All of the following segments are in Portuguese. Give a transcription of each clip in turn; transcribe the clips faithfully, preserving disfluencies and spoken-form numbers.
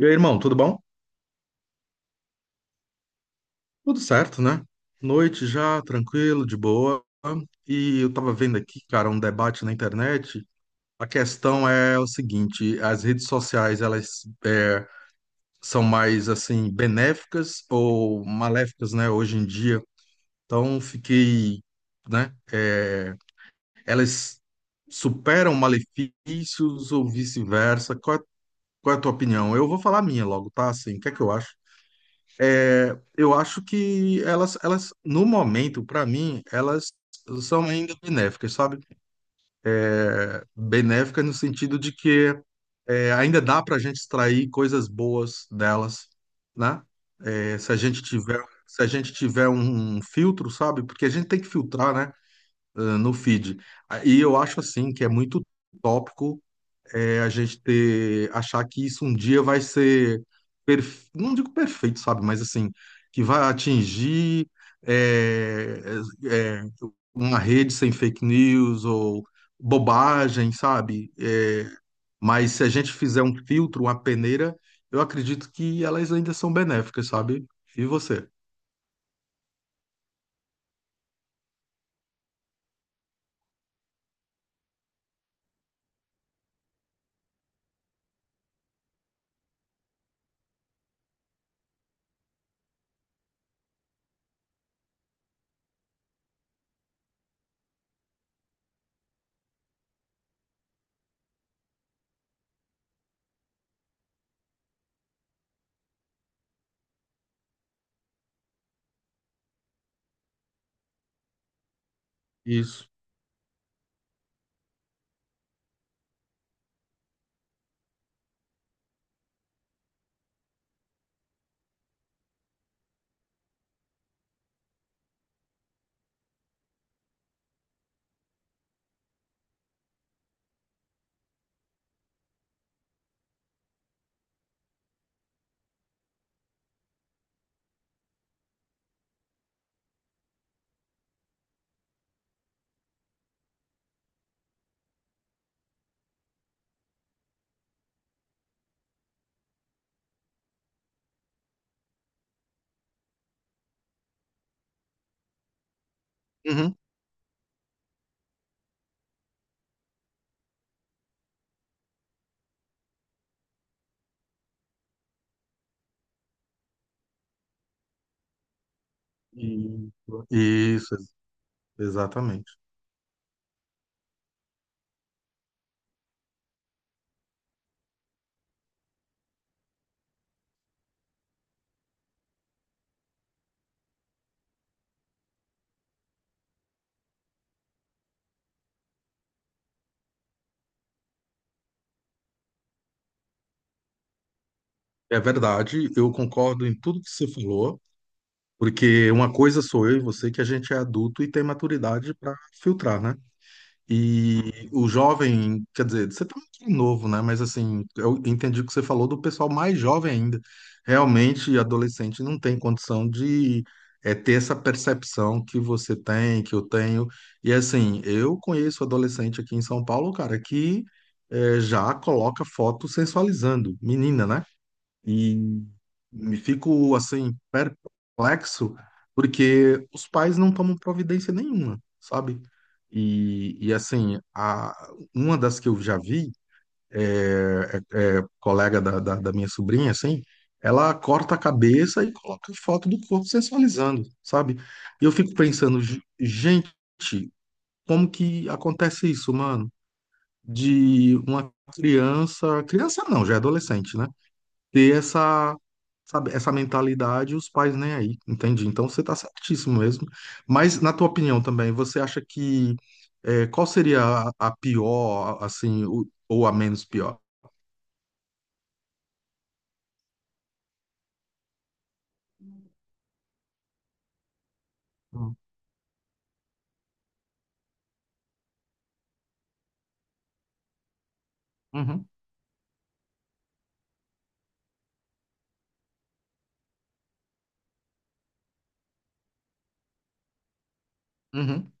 E aí, irmão, tudo bom? Tudo certo, né? Noite já, tranquilo, de boa. E eu tava vendo aqui, cara, um debate na internet. A questão é o seguinte: as redes sociais, elas é, são mais, assim, benéficas ou maléficas, né, hoje em dia? Então, fiquei, né? é, elas superam malefícios ou vice-versa? Qual é, qual é a tua opinião? Eu vou falar a minha logo, tá? Assim, o que é que eu acho? Eu acho que elas, elas no momento, para mim, elas são ainda benéficas, sabe? É, benéficas no sentido de que é, ainda dá para a gente extrair coisas boas delas, né? É, se a gente tiver, se a gente tiver um, um filtro, sabe? Porque a gente tem que filtrar, né? eh, No feed. Ah, E eu acho assim que é muito tópico é a gente ter, achar que isso um dia vai ser, perf- não digo perfeito, sabe, mas assim, que vai atingir é, é, uma rede sem fake news ou bobagem, sabe? É, mas se a gente fizer um filtro, uma peneira, eu acredito que elas ainda são benéficas, sabe? E você? Isso. Uhum. Isso, Isso, exatamente. É verdade, eu concordo em tudo que você falou. Porque uma coisa sou eu e você que a gente é adulto e tem maturidade para filtrar, né? E o jovem, quer dizer, você tá muito novo, né? Mas assim, eu entendi o que você falou do pessoal mais jovem ainda. Realmente, adolescente não tem condição de é, ter essa percepção que você tem, que eu tenho. E assim, eu conheço adolescente aqui em São Paulo, cara, que é, já coloca foto sensualizando, menina, né? E me fico assim perplexo porque os pais não tomam providência nenhuma, sabe? E, e assim, a, uma das que eu já vi é, é- é colega da, da, da minha sobrinha, assim, ela corta a cabeça e coloca foto do corpo sensualizando, sabe? E eu fico pensando, "Ge- gente, como que acontece isso, mano? De uma criança, criança não, já é adolescente, né? Ter essa, sabe, essa mentalidade e os pais nem aí, entendi. Então você está certíssimo mesmo. Mas na tua opinião também, você acha que é, qual seria a, a pior, assim, o- ou a menos pior? Uhum, uhum,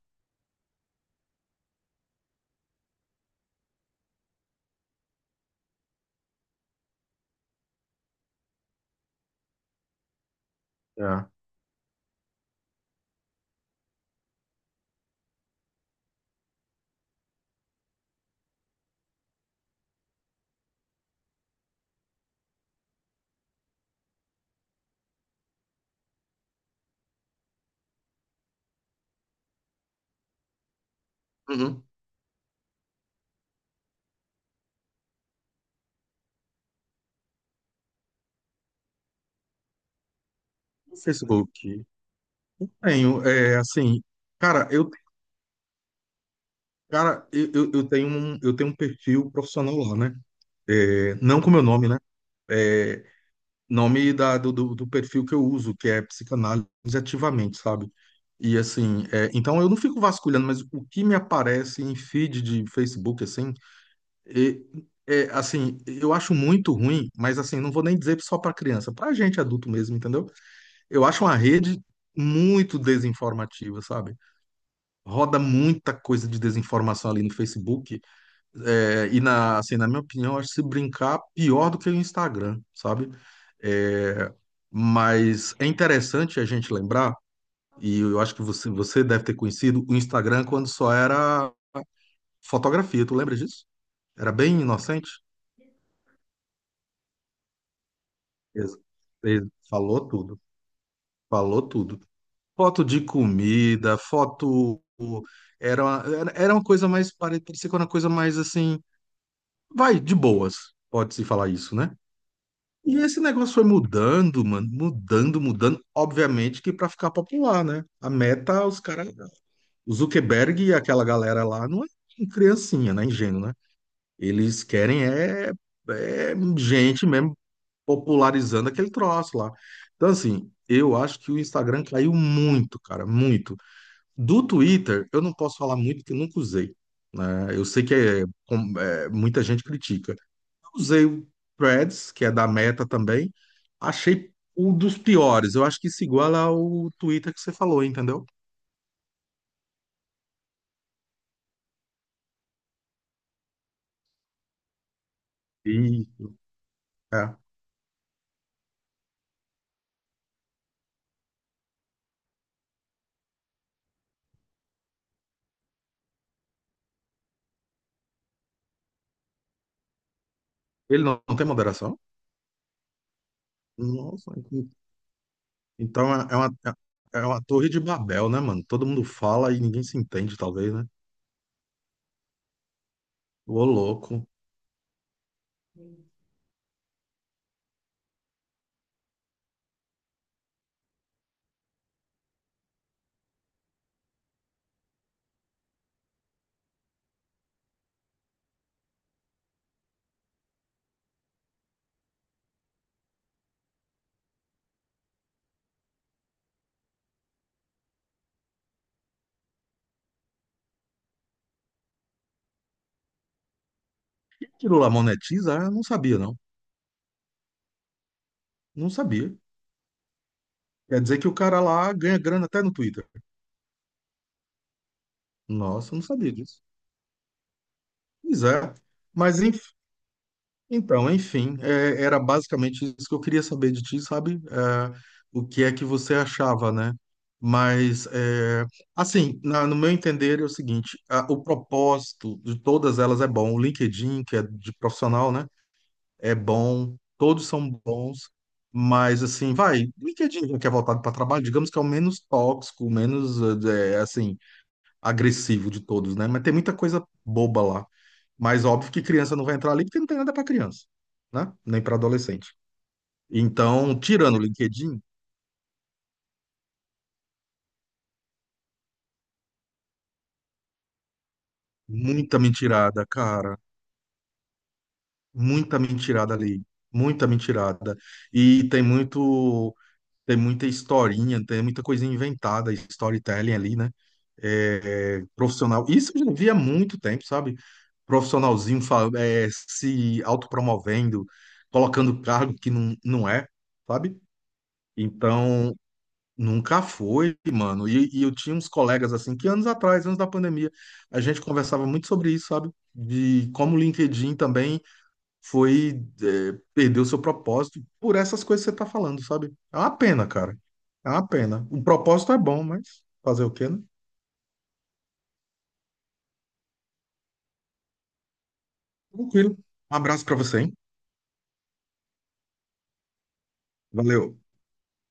é, uhum. O Facebook. Eu tenho, é, assim, cara, eu, cara, eu, eu eu tenho um, eu tenho um perfil profissional lá, né? É, não com meu nome, né? É, nome da, do, do do perfil que eu uso, que é psicanálise ativamente, sabe? E assim, é, então eu não fico vasculhando, mas o que me aparece em feed de Facebook, assim, e- é, assim, eu acho muito ruim, mas assim, não vou nem dizer só para criança, para gente adulto mesmo, entendeu? Eu acho uma rede muito desinformativa, sabe? Roda muita coisa de desinformação ali no Facebook é, e na, assim, na minha opinião, acho que se brincar pior do que o Instagram, sabe? É, mas é interessante a gente lembrar, e eu acho que você, você deve ter conhecido o Instagram quando só era fotografia, tu lembra disso? Era bem inocente? Ex- ex- Falou tudo, falou tudo. Foto de comida, foto. Era uma, era era uma coisa mais, pare- parecia que era uma coisa mais assim, vai, de boas, pode-se falar isso, né? E esse negócio foi mudando, mano, mudando, mudando. Obviamente que para ficar popular, né? A meta, os caras, o Zuckerberg e aquela galera lá não é criancinha, né? Ingênuo, né? Eles querem é, é gente mesmo popularizando aquele troço lá. Então, assim, eu acho que o Instagram caiu muito, cara, muito. Do Twitter, eu não posso falar muito porque eu nunca usei, né? Eu sei que é, com- é, muita gente critica. Usei o Threads, que é da Meta também. Achei um dos piores. Eu acho que isso iguala ao Twitter que você falou, entendeu? E é. Ele não, não tem moderação? Nossa, en- então é é uma, é é uma torre de Babel, né, mano? Todo mundo fala e ninguém se entende, talvez, né? Ô, louco. Aquilo lá monetiza? Eu não sabia, não. Não sabia. Quer dizer que o cara lá ganha grana até no Twitter. Nossa, eu não sabia disso. Pois é. Mas, então, enfim, é, era basicamente isso que eu queria saber de ti, sabe? É, o que é que você achava, né? Mas, é, assim, na- no meu entender é o seguinte: a- o propósito de todas elas é bom. O LinkedIn, que é de profissional, né? É bom, todos são bons, mas, assim, vai, LinkedIn, que é voltado para trabalho, digamos que é o menos tóxico, menos, é, assim agressivo de todos, né? Mas tem muita coisa boba lá. Mas óbvio que criança não vai entrar ali porque não tem nada para criança, né? Nem para adolescente. Então, tirando o LinkedIn, muita mentirada, cara. Muita mentirada ali. Muita mentirada. E tem muito. Tem muita historinha, tem muita coisa inventada, storytelling ali, né? É, é, profissional. Isso eu já vi há muito tempo, sabe? Profissionalzinho fa- é, se autopromovendo, colocando cargo que não, não é, sabe? Então, nunca foi, mano. E, e eu tinha uns colegas assim, que anos atrás, antes da pandemia, a gente conversava muito sobre isso, sabe? De como o LinkedIn também foi é, perdeu seu propósito por essas coisas que você tá falando, sabe? É uma pena, cara. É uma pena. O propósito é bom, mas fazer o quê, né? Tranquilo. Um abraço pra você, hein? Valeu.